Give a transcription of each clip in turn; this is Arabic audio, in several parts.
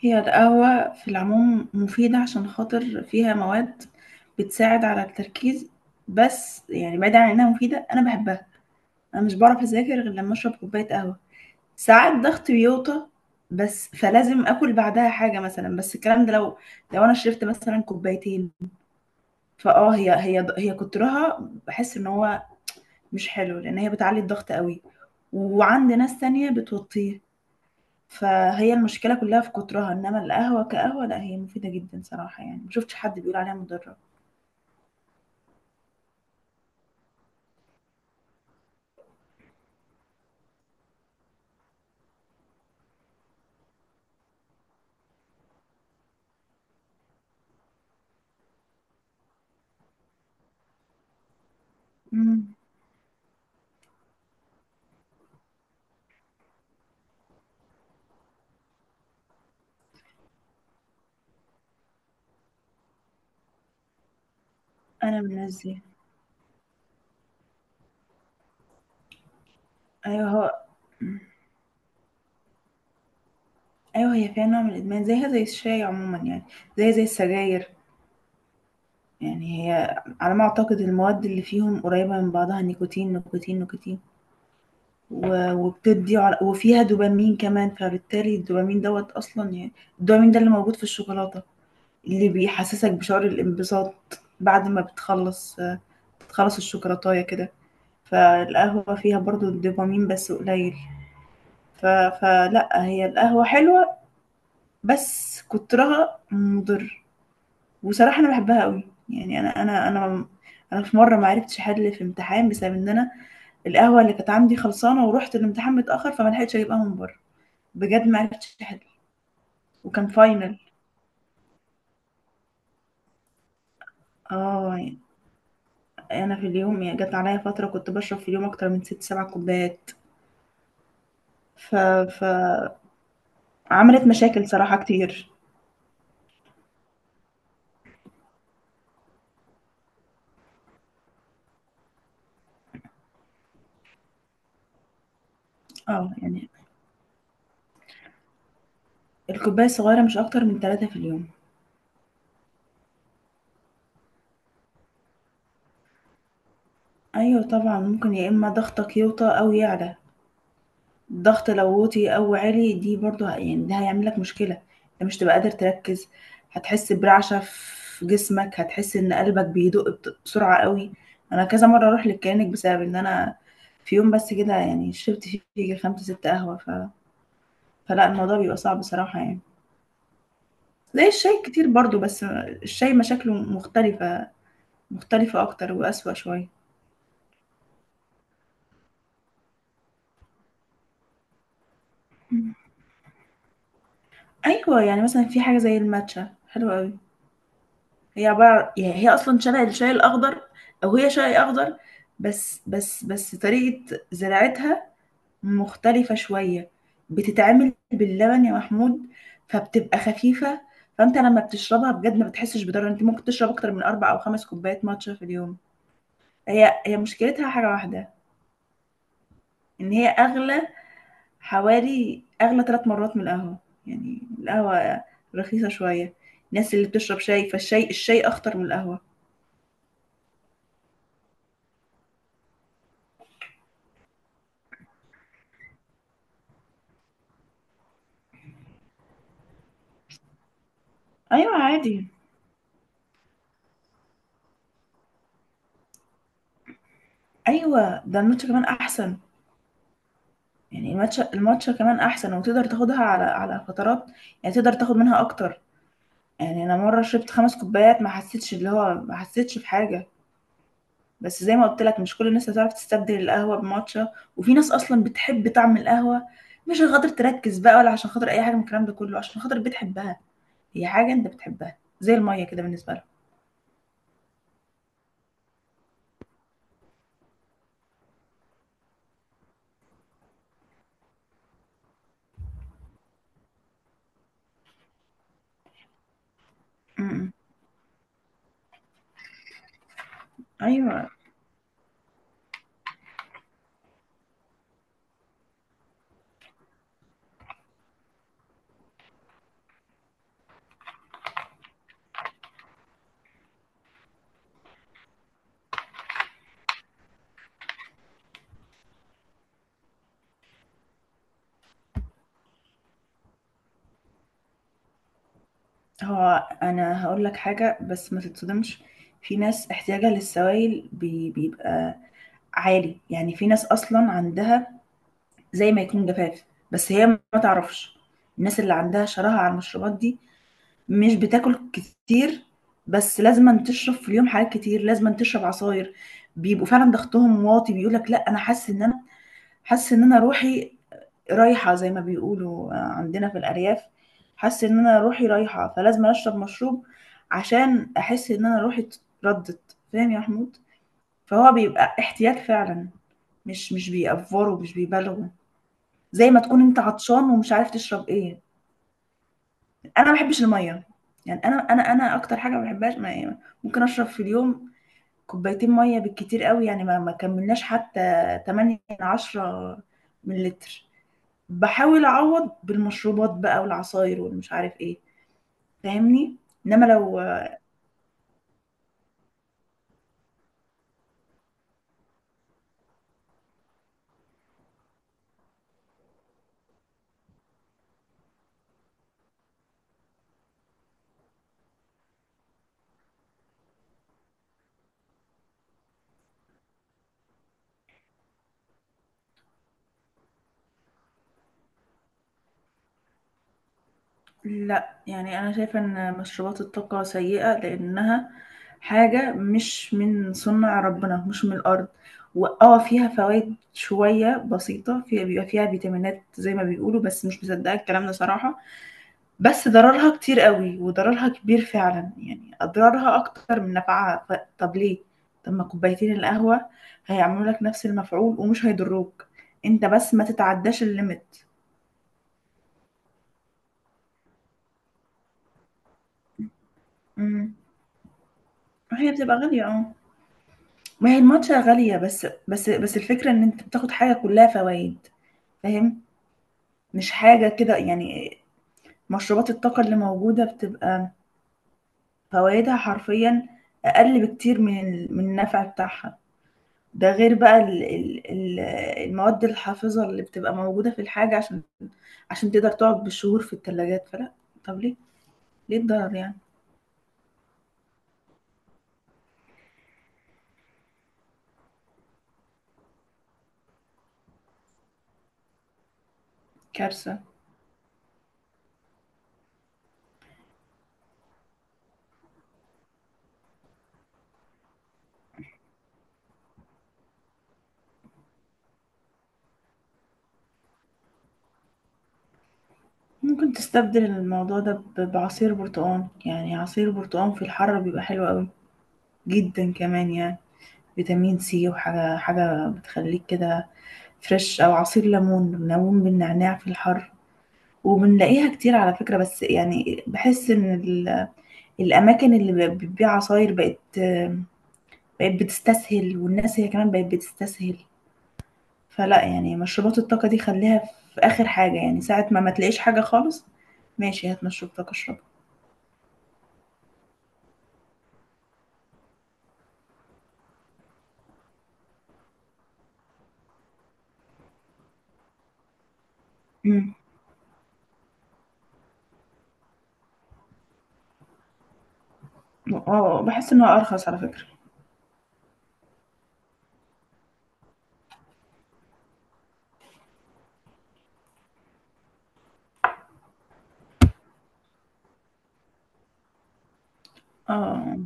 هي القهوة في العموم مفيدة عشان خاطر فيها مواد بتساعد على التركيز. بس يعني بعيد عن إنها مفيدة أنا بحبها، أنا مش بعرف أذاكر غير لما أشرب كوباية قهوة. ساعات ضغطي بيوطى بس فلازم آكل بعدها حاجة مثلا. بس الكلام ده لو أنا شربت مثلا كوبايتين فأه هي هي هي كترها بحس إن هو مش حلو لأن هي بتعلي الضغط قوي، وعند ناس تانية بتوطيه. فهي المشكلة كلها في كترها، إنما القهوة كقهوة لأ هي مفيدة جدًا صراحة يعني، ما شُفتش حد بيقول عليها مُضرّة. إمم، أنا من الناس دي. أيوه هو. إمم، أيوه هي فيها نوع من الإدمان زيها زي الشاي عمومًا يعني، زيها زي السجاير، يعني هي على ما أعتقد المواد اللي فيهم قريبة من بعضها نيكوتين، نيكوتين، نيكوتين. و وبتدّي عل وفيها دوبامين كمان، فبالتالي الدوبامين دوّة أصلًا يعني الدوبامين ده اللي موجود في الشوكولاتة، اللي بيحسّسك بشعور الانبساط بعد ما بتخلّص خلاص الشوكولاتاية كده. فالقهوة فيها برضو الدوبامين بس قليل. ف... فلا هي القهوة حلوة بس كترها مضر، وصراحة أنا بحبها قوي. يعني أنا أنا في مرة ما عرفتش أحل في امتحان بسبب إن أنا القهوة اللي كانت عندي خلصانة ورحت الامتحان متأخر فما لحقتش أجيبها من بره، بجد ما عرفتش أحل، وكان فاينل. اه يعني أنا في اليوم يعني جت عليا فترة كنت بشرب في اليوم أكتر من ست سبع كوبايات. ف... فعملت مشاكل صراحة كتير. اه يعني الكوباية الصغيرة مش أكتر من ثلاثة في اليوم. أيوة طبعا ممكن يا إما ضغطك يوطى أو يعلى، الضغط لو وطي أو عالي دي برضو يعني ده هيعملك مشكلة، انت مش تبقى قادر تركز، هتحس برعشة في جسمك، هتحس إن قلبك بيدق بسرعة قوي. أنا كذا مرة أروح للكلينيك بسبب إن أنا في يوم بس كده يعني شربت فيه يجي خمسة ستة قهوة. فلا الموضوع بيبقى صعب بصراحة يعني، زي الشاي كتير برضو. بس الشاي مشاكله مختلفة، مختلفة أكتر وأسوأ شوية. ايوه يعني مثلا في حاجه زي الماتشا حلوه قوي، هي عباره يعني هي اصلا شبه الشاي الاخضر، او هي شاي اخضر بس طريقه زراعتها مختلفه شويه، بتتعمل باللبن يا محمود فبتبقى خفيفه. فانت لما بتشربها بجد ما بتحسش بضرر، انت ممكن تشرب اكتر من اربع او خمس كوبايات ماتشا في اليوم. هي مشكلتها حاجه واحده، ان هي اغلى، حوالي أغلى ثلاث مرات من القهوة. يعني القهوة رخيصة شوية. الناس اللي بتشرب شاي فالشاي أخطر من القهوة. ايوه عادي، أيوة ده الماتشا كمان أحسن، يعني الماتشا كمان أحسن وتقدر تاخدها على فترات، يعني تقدر تاخد منها أكتر. يعني أنا مرة شربت خمس كوبايات ما حسيتش اللي هو ما حسيتش بحاجة. بس زي ما قلت لك مش كل الناس هتعرف تستبدل القهوة بماتشا، وفي ناس أصلا بتحب طعم القهوة، مش عشان خاطر تركز بقى ولا عشان خاطر أي حاجة من الكلام ده كله، عشان خاطر بتحبها، هي حاجة أنت بتحبها زي المَيّة كده بالنسبة لهم. إمم، إمم. أيوه، هو أنا هاقول لك حاجة بس ما تتصدمش، في ناس احتياجها للسوائل بيبقى عالي، يعني في ناس أصلًا عندها زي ما يكون جفاف، بس هي ما تعرفش. الناس اللي عندها شراهة على المشروبات دي مش بتاكل كتير، بس لازمًا تشرب في اليوم حاجات كتير، لازمًا تشرب عصاير، بيبقوا فعلًا ضغطهم واطي، بيقول لك لأ أنا حاسس إن أنا حاسة إن أنا روحي رايحة، زي ما بيقولوا عندنا في الأرياف، حاسة إن أنا روحي رايحة فلازم أشرب مشروب عشان أحس إن أنا روحي اتردت، فاهم يا محمود؟ فهو بيبقى احتياج فعلا، مش بيأفوروا، مش بيبالغوا، زي ما تكون انت عطشان ومش عارف تشرب ايه. انا ما بحبش الميه، يعني انا اكتر حاجه ما بحبهاش ما يعني ممكن اشرب في اليوم كوبايتين ميه بالكتير قوي، يعني ما كملناش حتى 8 من 10 مللتر، باحاول اعوّض بالمشروبات بقى والعصاير والمش عارف إيه، فاهمني؟ إنّما لو لأ، يعني أنا شايفة إن مشروبات الطاقة سيئة لإنّها حاجة مش من صنع ربنا، مش من الأرض، وآه فيها فوايد شوية بسيطة، فيها بيبقى فيها فيتامينات زي ما بيقولوا، بس مش مصدّقة الكلام ده صراحة. بس ضررها كتير قوي وضررها كبير فعلا، يعني اضرارها اكتر من نفعها. طب ليه، طب ما كوبايتين القهوة هيعملوا لك نفس المفعول ومش هيضروك، انت بس ما تتعداش الليميت. امم، هي بتبقى غالية اه، ما هي الماتشا غالية بس الفكرة ان انت بتاخد حاجة كلها فوائد، فاهم؟ مش حاجة كده يعني. مشروبات الطاقة اللي موجودة بتبقى فوائدها حرفيا اقل بكتير من النفع بتاعها، ده غير بقى ال المواد الحافظة اللي بتبقى موجودة في الحاجة عشان تقدر تقعد بالشهور في التلاجات. فلا، طب ليه، ليه الضرر يعني، كارثة. ممكن تستبدل الموضوع ده بعصير برتقال، يعني عصير برتقال في الحر بيبقى حلو قوي جدا كمان يعني، فيتامين سي، وحاجة بتخليك كده فريش، أو عصير ليمون، ليمون بالنعناع في الحر، وبنلاقيها كتير على فكرة. بس يعني بحس إن الأماكن اللي بتبيع عصاير بقت بتستسهل، والناس هي كمان بقت بتستسهل. فلا يعني مشروبات الطاقة دي خليها في آخر حاجة، يعني ساعة ما تلاقيش حاجة خالص، ماشي هات مشروب طاقة اشربه. امم، اه بحس ان هو ارخص على فكرة. اه،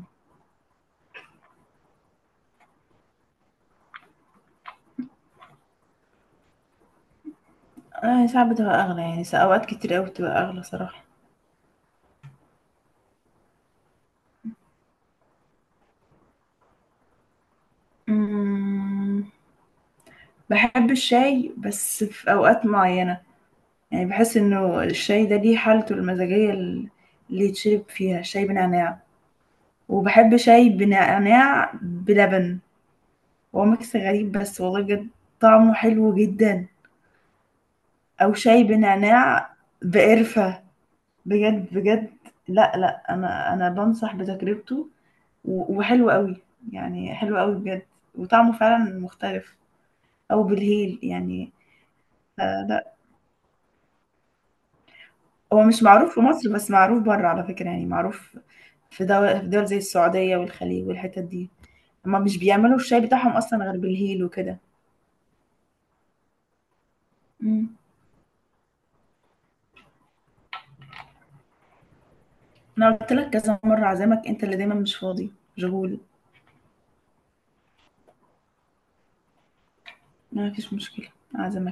اه ساعات بتبقى اغلى، يعني اوقات كتير قوي بتبقى اغلى صراحة. امم، بحب الشاي بس في اوقات معينة، يعني بحس انه الشاي ده ليه حالته المزاجية اللي يتشرب فيها شاي بنعناع، وبحب شاي بنعناع بلبن. هو ميكس غريب بس والله بجد طعمه حلو جدا، او شاي بنعناع بقرفة، بجد بجد، لا لا انا انا بنصح بتجربته، وحلو قوي، يعني حلو قوي بجد، وطعمه فعلا مختلف، او بالهيل يعني. آه، لا هو مش معروف في مصر بس معروف بره على فكرة، يعني معروف في دول, زي السعودية والخليج والحتت دي، هما مش بيعملوا الشاي بتاعهم اصلا غير بالهيل وكده. مم. انا قلت لك كذا مرة عزامك، انت اللي دايما مش فاضي، مشغول. ما فيش مشكلة، أعزمك.